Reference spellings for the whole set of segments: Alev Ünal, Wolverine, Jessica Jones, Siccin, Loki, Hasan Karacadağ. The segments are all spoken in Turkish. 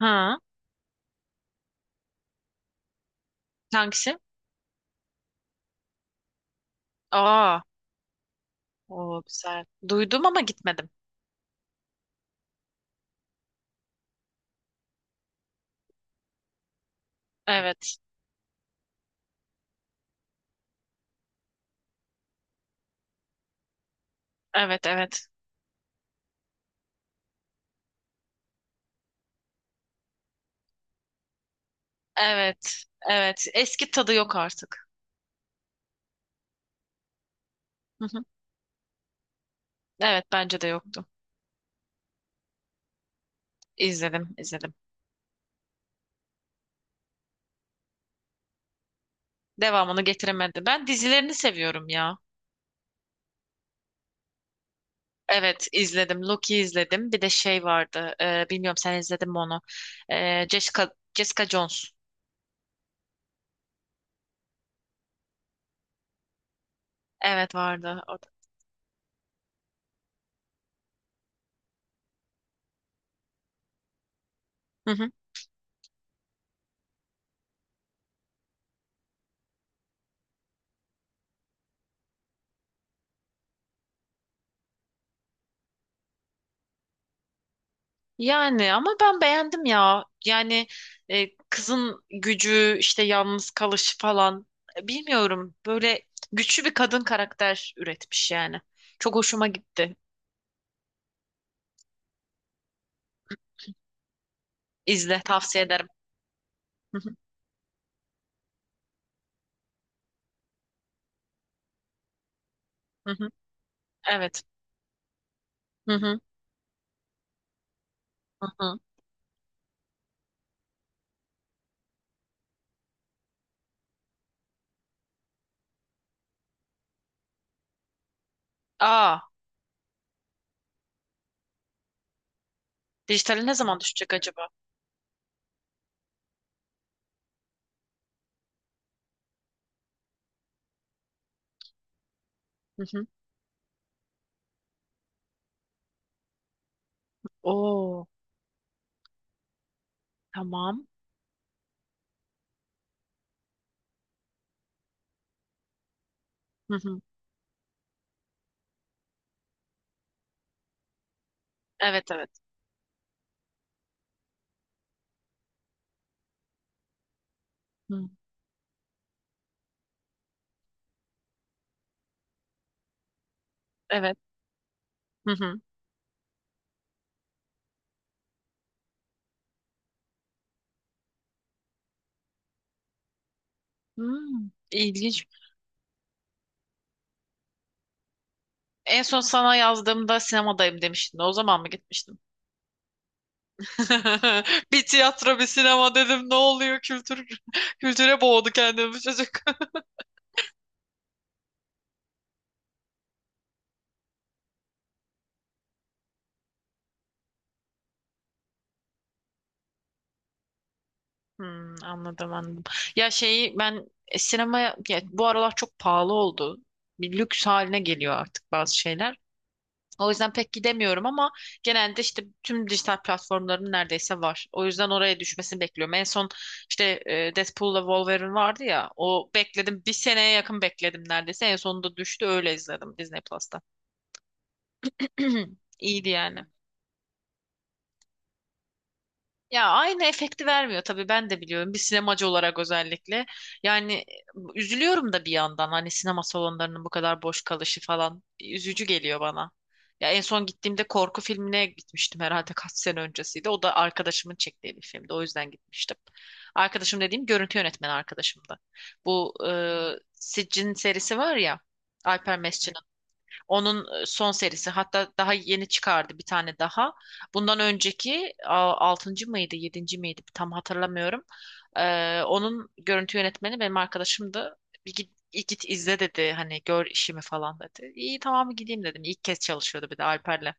Ha, hangisi? Aa, o güzel. Duydum ama gitmedim. Evet, evet, evet. Eski tadı yok artık. Hı hı. Evet, bence de yoktu. İzledim. Devamını getiremedim. Ben dizilerini seviyorum ya. Evet, izledim. Loki izledim. Bir de şey vardı. Bilmiyorum sen izledin mi onu? Jessica Jones. Evet vardı. O da. Yani ama ben beğendim ya. Kızın gücü, işte yalnız kalışı falan. Bilmiyorum. Böyle güçlü bir kadın karakter üretmiş yani. Çok hoşuma gitti. İzle, tavsiye ederim. Hı hı, hı hı. Evet. Hı hı, hı hı. Aa, dijitali ne zaman düşecek acaba? Hı hı. Oo, tamam. Hı hı. Evet, evet. Hı, evet. Hı hı. Hmm, ilginç. En son sana yazdığımda sinemadayım demiştin. O zaman mı gitmiştin? Bir tiyatro, bir sinema dedim. Ne oluyor? Kültür kültüre boğdu kendini bu çocuk. Hmm, anladım. Sinemaya ya bu aralar çok pahalı oldu. Bir lüks haline geliyor artık bazı şeyler. O yüzden pek gidemiyorum ama genelde işte tüm dijital platformların neredeyse var. O yüzden oraya düşmesini bekliyorum. En son Deadpool'la Wolverine vardı ya. O bekledim. Bir seneye yakın bekledim neredeyse. En sonunda düştü. Öyle izledim Disney Plus'ta. İyiydi yani. Ya aynı efekti vermiyor tabii ben de biliyorum bir sinemacı olarak özellikle. Yani üzülüyorum da bir yandan hani sinema salonlarının bu kadar boş kalışı falan üzücü geliyor bana. Ya en son gittiğimde korku filmine gitmiştim herhalde kaç sene öncesiydi. O da arkadaşımın çektiği bir filmdi. O yüzden gitmiştim. Arkadaşım dediğim görüntü yönetmeni arkadaşımdı. Bu e, Siccin serisi var ya, Alper onun son serisi, hatta daha yeni çıkardı bir tane daha. Bundan önceki altıncı mıydı yedinci miydi tam hatırlamıyorum. Onun görüntü yönetmeni benim arkadaşımdı. Bir git izle dedi, hani gör işimi falan dedi. İyi tamam gideyim dedim. İlk kez çalışıyordu bir de Alper'le.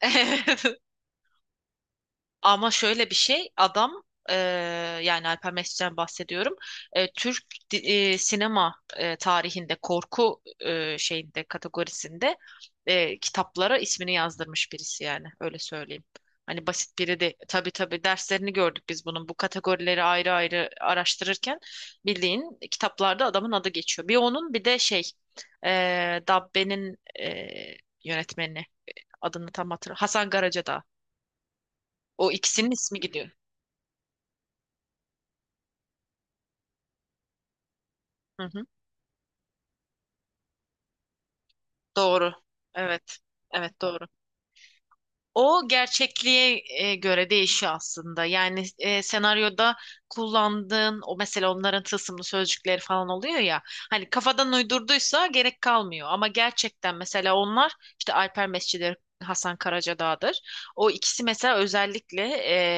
Ama şöyle bir şey adam e, yani Alper Mesut'tan bahsediyorum. Türk sinema tarihinde korku şeyinde kategorisinde kitaplara ismini yazdırmış birisi yani öyle söyleyeyim. Hani basit biri de, tabii derslerini gördük biz bunun, bu kategorileri ayrı ayrı araştırırken bildiğin kitaplarda adamın adı geçiyor. Bir onun bir de e, Dabbe'nin yönetmeni, adını tam hatırlamıyorum. Hasan Karacadağ. O ikisinin ismi gidiyor. Hı hı. Doğru. Evet. Evet doğru. O gerçekliğe göre değişiyor aslında. Senaryoda kullandığın, o mesela onların tılsımlı sözcükleri falan oluyor ya. Hani kafadan uydurduysa gerek kalmıyor. Ama gerçekten mesela onlar işte Alper Mescididir, Hasan Karacadağ'dır. O ikisi mesela özellikle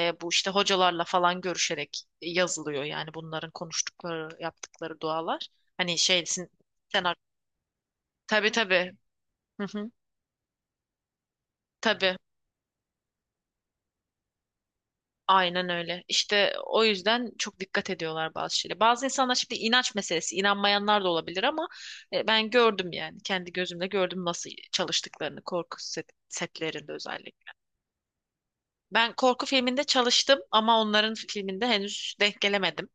bu işte hocalarla falan görüşerek yazılıyor. Yani bunların konuştukları, yaptıkları dualar. Hani şeysin senaryo. Tabii. Hı hı. Tabii. Aynen öyle. İşte o yüzden çok dikkat ediyorlar bazı şeylere. Bazı insanlar şimdi inanç meselesi, inanmayanlar da olabilir ama ben gördüm yani kendi gözümle gördüm nasıl çalıştıklarını korku setlerinde özellikle. Ben korku filminde çalıştım ama onların filminde henüz denk gelemedim.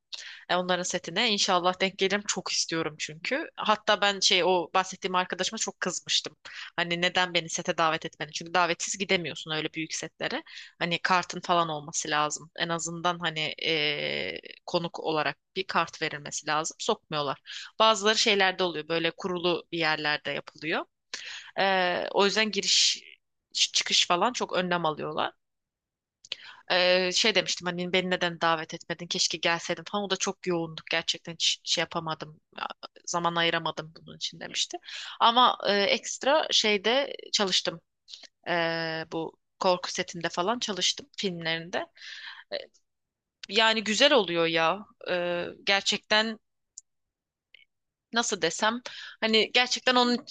Onların setine inşallah denk gelirim. Çok istiyorum çünkü. Hatta ben şey, o bahsettiğim arkadaşıma çok kızmıştım. Hani neden beni sete davet etmedi? Çünkü davetsiz gidemiyorsun öyle büyük setlere. Hani kartın falan olması lazım. En azından hani konuk olarak bir kart verilmesi lazım. Sokmuyorlar. Bazıları şeylerde oluyor. Böyle kurulu bir yerlerde yapılıyor. O yüzden giriş çıkış falan çok önlem alıyorlar. Şey demiştim hani beni neden davet etmedin keşke gelseydim falan, o da çok yoğunduk gerçekten hiç şey yapamadım, zaman ayıramadım bunun için demişti ama ekstra şeyde çalıştım. Bu korku setinde falan çalıştım filmlerinde. Ee, Yani güzel oluyor ya. Gerçekten nasıl desem, hani gerçekten onun.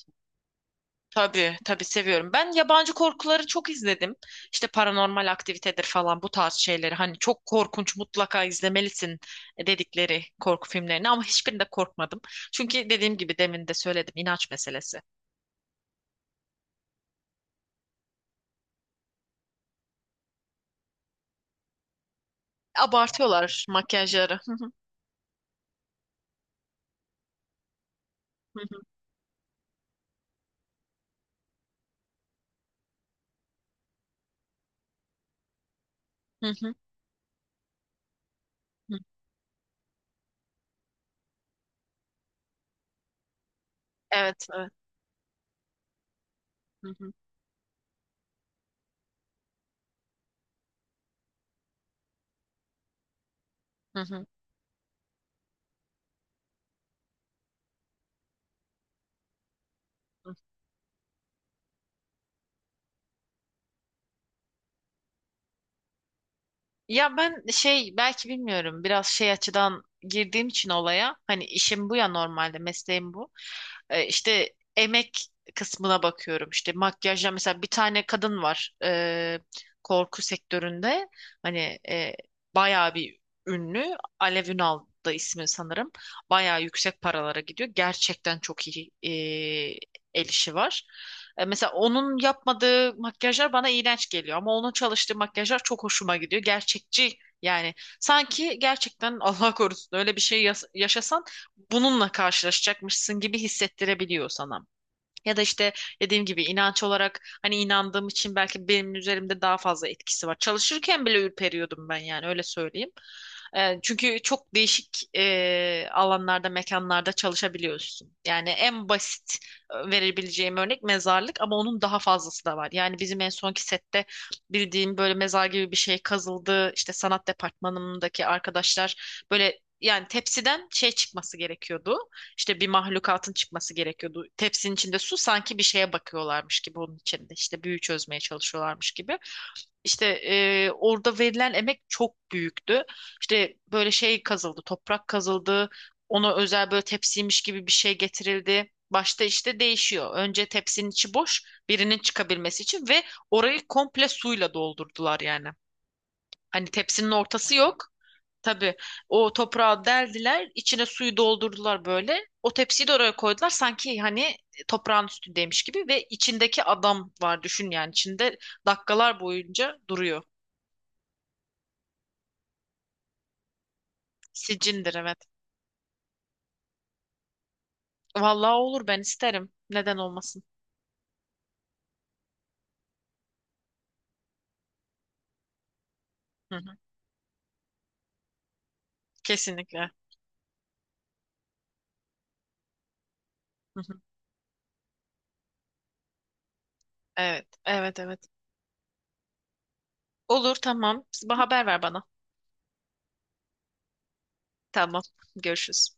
Tabii seviyorum. Ben yabancı korkuları çok izledim. İşte paranormal aktivitedir falan bu tarz şeyleri. Hani çok korkunç mutlaka izlemelisin dedikleri korku filmlerini, ama hiçbirinde korkmadım. Çünkü dediğim gibi, demin de söyledim, inanç meselesi. Abartıyorlar makyajları. Hı, hı hı, hı hı. Evet, evet. Hı hı, hı hı. Ya ben şey, belki bilmiyorum, biraz şey açıdan girdiğim için olaya, hani işim bu ya, normalde mesleğim bu. İşte emek kısmına bakıyorum, işte makyajla mesela bir tane kadın var korku sektöründe, hani bayağı bir ünlü, Alev Ünal da ismi sanırım, bayağı yüksek paralara gidiyor, gerçekten çok iyi el işi var. Mesela onun yapmadığı makyajlar bana iğrenç geliyor ama onun çalıştığı makyajlar çok hoşuma gidiyor. Gerçekçi yani, sanki gerçekten Allah korusun öyle bir şey yaşasan bununla karşılaşacakmışsın gibi hissettirebiliyor sana. Ya da işte dediğim gibi inanç olarak, hani inandığım için belki benim üzerimde daha fazla etkisi var. Çalışırken bile ürperiyordum ben, yani öyle söyleyeyim. Çünkü çok değişik alanlarda, mekanlarda çalışabiliyorsun. Yani en basit verebileceğim örnek mezarlık, ama onun daha fazlası da var. Yani bizim en sonki sette bildiğim böyle mezar gibi bir şey kazıldı. İşte sanat departmanımdaki arkadaşlar, böyle yani tepsiden şey çıkması gerekiyordu. İşte bir mahlukatın çıkması gerekiyordu. Tepsinin içinde su, sanki bir şeye bakıyorlarmış gibi onun içinde. İşte büyü çözmeye çalışıyorlarmış gibi. Orada verilen emek çok büyüktü. İşte böyle şey kazıldı, toprak kazıldı. Ona özel böyle tepsiymiş gibi bir şey getirildi. Başta işte değişiyor. Önce tepsinin içi boş, birinin çıkabilmesi için, ve orayı komple suyla doldurdular yani. Hani tepsinin ortası yok. Tabii o toprağı deldiler, içine suyu doldurdular böyle. O tepsiyi de oraya koydular sanki hani toprağın üstündeymiş gibi, ve içindeki adam var düşün, yani içinde dakikalar boyunca duruyor. Sicindir evet. Vallahi olur, ben isterim. Neden olmasın? Hı hı. Kesinlikle. Hı hı. Evet, evet, evet. Olur tamam. Haber ver bana. Tamam. Görüşürüz.